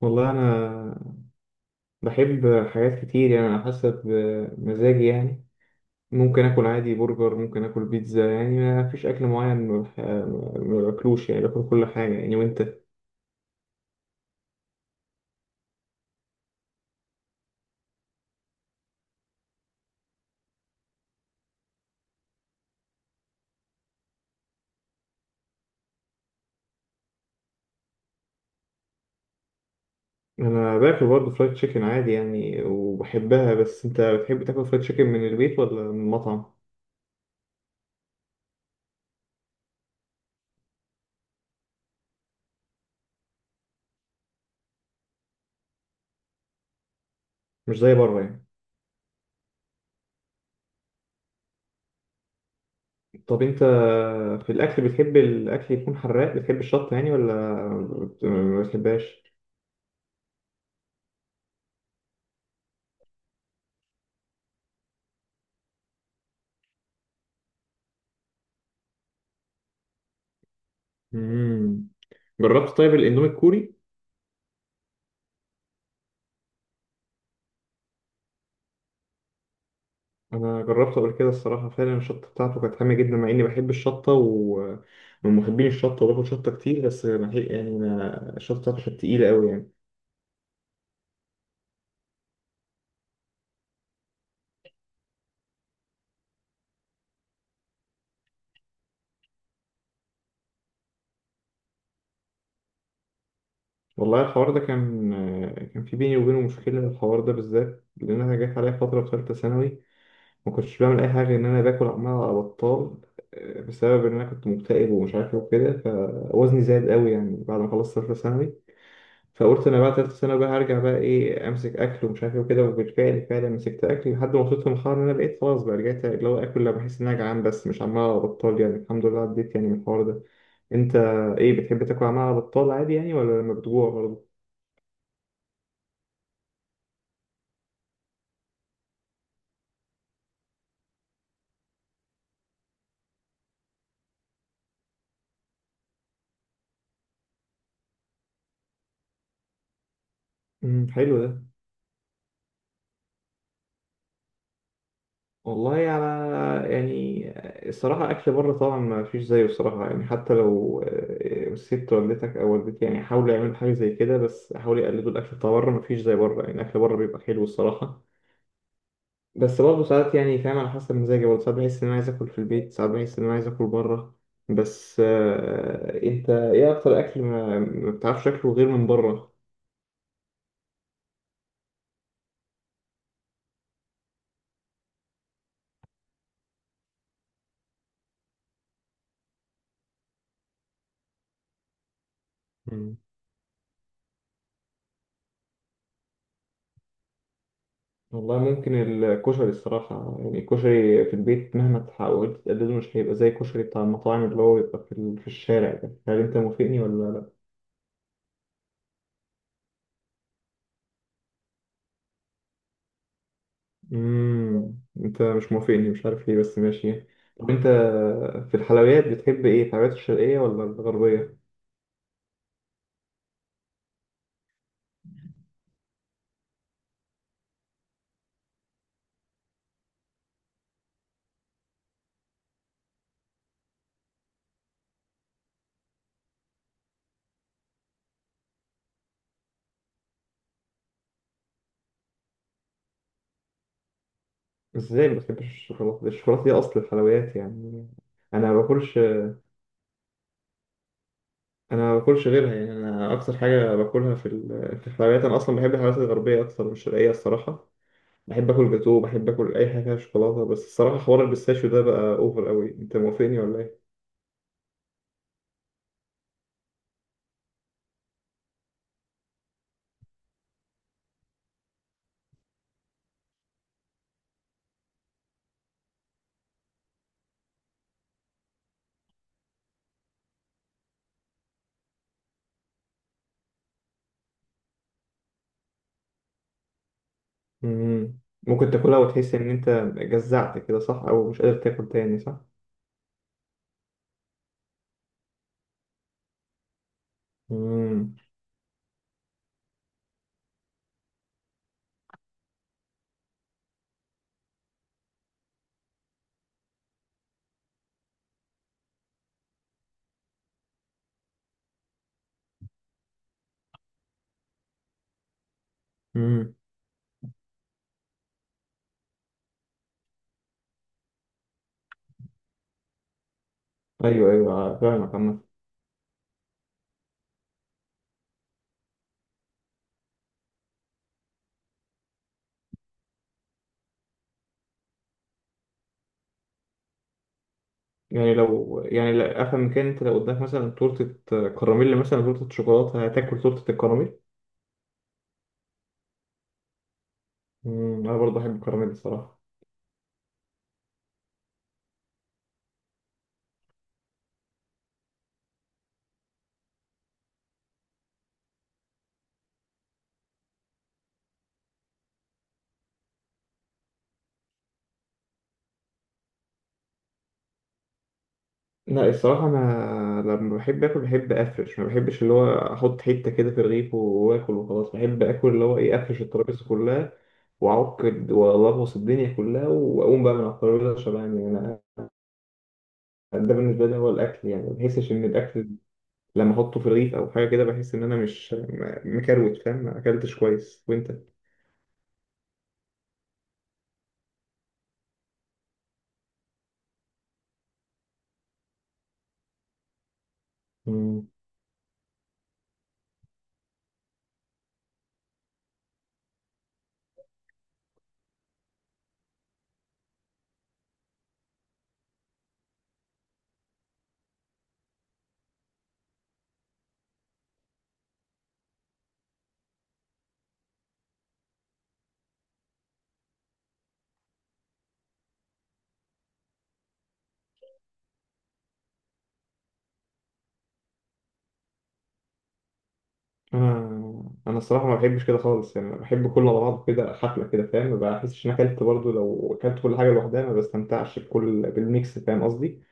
والله أنا بحب حاجات كتير يعني على حسب مزاجي يعني. ممكن آكل عادي برجر، ممكن آكل بيتزا يعني ما فيش أكل معين ما باكلوش يعني باكل كل حاجة يعني. وأنت؟ أنا باكل برضه فرايد تشيكن عادي يعني وبحبها، بس أنت بتحب تاكل فرايد تشيكن من البيت ولا من المطعم؟ مش زي بره يعني. طب أنت في الأكل بتحب الأكل يكون حراق، بتحب الشطة يعني، ولا ما بتحبهاش؟ مم. جربت طيب الإندومي الكوري؟ انا جربت قبل كده الصراحه، فعلا الشطه بتاعته كانت حاميه جدا مع اني بحب الشطه ومن محبين الشطه وباكل شطه كتير، بس ما هي- يعني ما الشطه بتاعته كانت تقيله قوي يعني. والله الحوار ده كان في بيني وبينه مشكله، الحوار ده بالذات، لان انا جات عليا فتره في ثالثه ثانوي ما كنتش بعمل اي حاجه غير ان انا باكل عمال على بطال، بسبب ان انا كنت مكتئب ومش عارف ايه وكده، فوزني زاد قوي يعني. بعد ما خلصت ثالثه ثانوي فقلت انا بقى تالتة سنة بقى، هرجع بقى ايه، امسك اكل ومش عارف ايه وكده، وبالفعل فعلا مسكت اكل لحد ما وصلت لمرحلة ان انا بقيت خلاص بقى، رجعت اللي هو اكل لما بحس ان انا جعان بس مش عمال على بطال يعني، الحمد لله عديت يعني من الحوار ده. انت ايه، بتحب تاكل عمال على بطال عادي يعني، ولا لما بتجوع برضه؟ امم، حلو ده. والله على يعني الصراحة، أكل بره طبعا ما فيش زيه الصراحة يعني. حتى لو ست والدتك أو والدتي يعني حاولوا يعملوا حاجة زي كده، بس حاولوا يقلدوا الأكل بتاع بره، ما فيش زي بره يعني، الأكل بره بيبقى حلو الصراحة. بس برضه ساعات يعني، فاهم، على حسب مزاجي برضه، ساعات بحس إن أنا عايز آكل في البيت، ساعات بحس إن أنا عايز آكل بره. بس أنت إيه أكتر أكل ما بتعرفش تاكله غير من بره؟ مم. والله ممكن الكشري الصراحة يعني، الكشري في البيت مهما تحاول تقلده مش هيبقى زي الكشري بتاع المطاعم اللي هو بيبقى في الشارع ده. هل أنت موافقني ولا لأ؟ مم. أنت مش موافقني، مش عارف ليه، بس ماشي. طب أنت في الحلويات بتحب إيه؟ الحلويات الشرقية ولا الغربية؟ ازاي ما بتحبش الشوكولاته، الشوكولاته دي اصل الحلويات يعني. انا ما باكلش، انا ما باكلش غيرها يعني. انا اكتر حاجه باكلها في الحلويات، انا اصلا بحب الحلويات الغربيه اكتر من الشرقيه الصراحه. بحب اكل جاتوه، بحب اكل اي حاجه فيها شوكولاته، بس الصراحه حوار البيستاشيو ده بقى اوفر قوي. انت موافقني ولا ايه؟ مم. ممكن تاكلها وتحس ان انت جزعت كده صح، او مش قادر تاكل تاني صح. امم. امم. ايوه ايوه فاهمك عامة. يعني لو يعني، لا افهم من، كان انت لو قدامك مثلا تورته كراميل مثلا، تورته شوكولاته، هتاكل تورته الكراميل. امم، انا برضه بحب الكراميل الصراحه. لا الصراحه انا لما بحب اكل بحب افرش، ما بحبش اللي هو احط حته كده في رغيف واكل وخلاص. بحب اكل اللي هو ايه، افرش الترابيزه كلها، واعك والغوص الدنيا كلها، واقوم بقى من على الترابيزه شبعان يعني. انا ده بالنسبه لي هو الاكل يعني. ما بحسش ان الاكل لما احطه في رغيف او حاجه كده، بحس ان انا مش م- مكروت فاهم، ما اكلتش كويس. وانت؟ انا الصراحه ما بحبش كده خالص يعني، بحب كله على بعضه كده، حفله كده فاهم. ما بحسش ان أنا اكلت برضه لو اكلت كل حاجه لوحدها، ما بستمتعش بالميكس فاهم قصدي.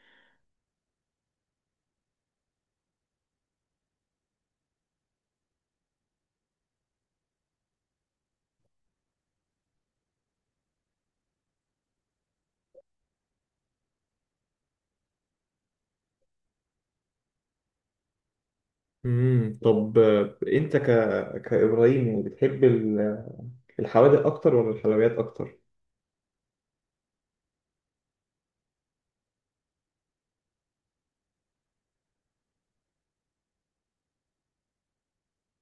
امم. طب انت كابراهيم يعني بتحب الحوادق اكتر ولا الحلويات اكتر؟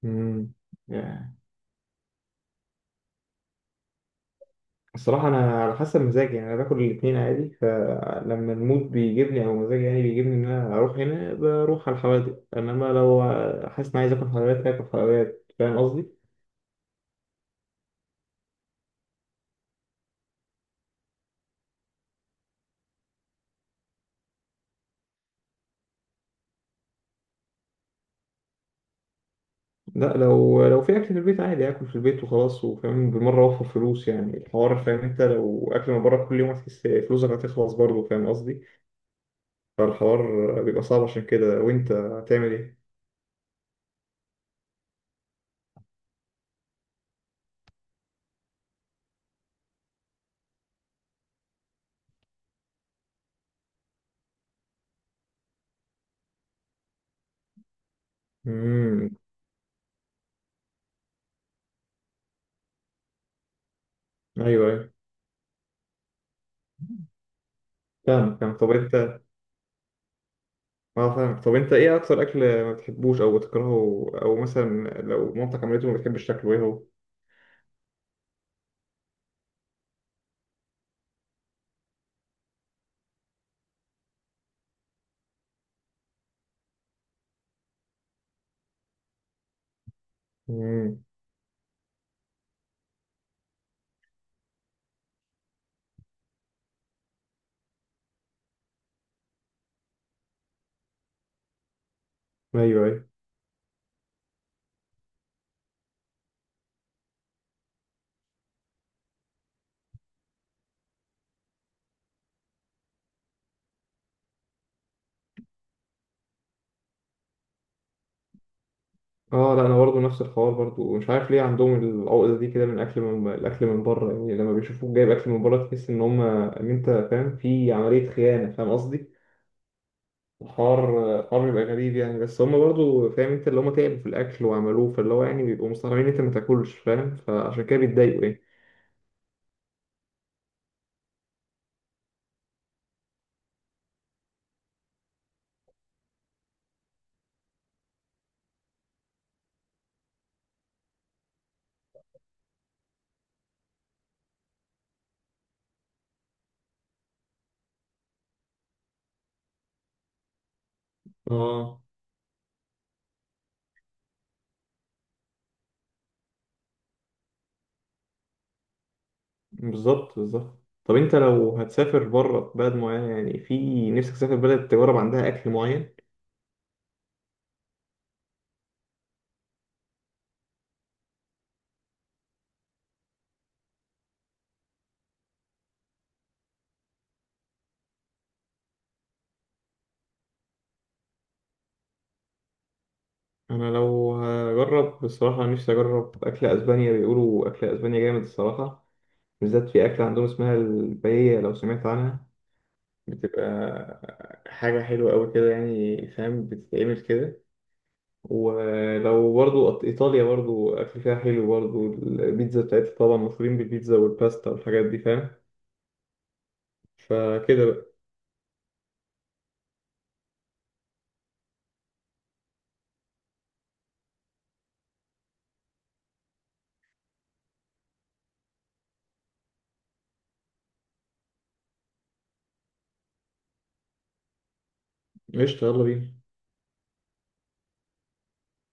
امم. يعني الصراحه انا على حسب مزاجي يعني، انا باكل الاثنين عادي، فلما المود بيجيبني او مزاجي يعني بيجيبني ان انا اروح هنا بروح على الحوادق، انما لو حاسس ان عايز اكل حلويات اكل حلويات، فاهم قصدي. لا لو في اكل في البيت عادي اكل في البيت وخلاص، وفاهم بالمره اوفر فلوس يعني الحوار، فاهم، انت لو اكل من بره كل يوم هتحس فلوسك هتخلص برضه فاهم قصدي. فالحوار بيبقى صعب عشان كده. وانت هتعمل ايه؟ امم. ايوه ايوه فاهم فاهم. طب انت. اه فاهم. طب انت ايه اكتر اكل ما بتحبوش او بتكرهه، او مثلا لو مامتك عملته ما بتحبش تاكله، ايه هو؟ امم. ايوه ايوه. اه لا انا برضه نفس الحوار برضه، ومش عارف ليه عندهم العقده دي كده من الاكل، من الاكل من بره يعني. لما بيشوفوك جايب اكل من بره تحس ان هم، ان انت فاهم، في عمليه خيانه فاهم قصدي. الحوار الحوار بيبقى غريب يعني، بس هم برضه فاهم انت اللي، هم تعبوا في الاكل وعملوه، فاللي هو يعني بيبقوا مستغربين إن انت ما تاكلش فاهم، فعشان كده بيتضايقوا يعني. اه. بالظبط بالظبط. طب انت لو هتسافر بره بلد معينه يعني، في نفسك تسافر بلد تجرب عندها اكل معين؟ انا لو هجرب بصراحه نفسي اجرب اكل اسبانيا، بيقولوا اكل اسبانيا جامد الصراحه، بالذات في اكله عندهم اسمها الباييه لو سمعت عنها. بتبقى حاجه حلوه قوي كده يعني فاهم، بتتعمل كده. ولو برضو ايطاليا برضو اكل فيها حلو برضو، البيتزا بتاعتها طبعا مشهورين بالبيتزا والباستا والحاجات دي فاهم. فكده بقى. قشطه يلا بينا.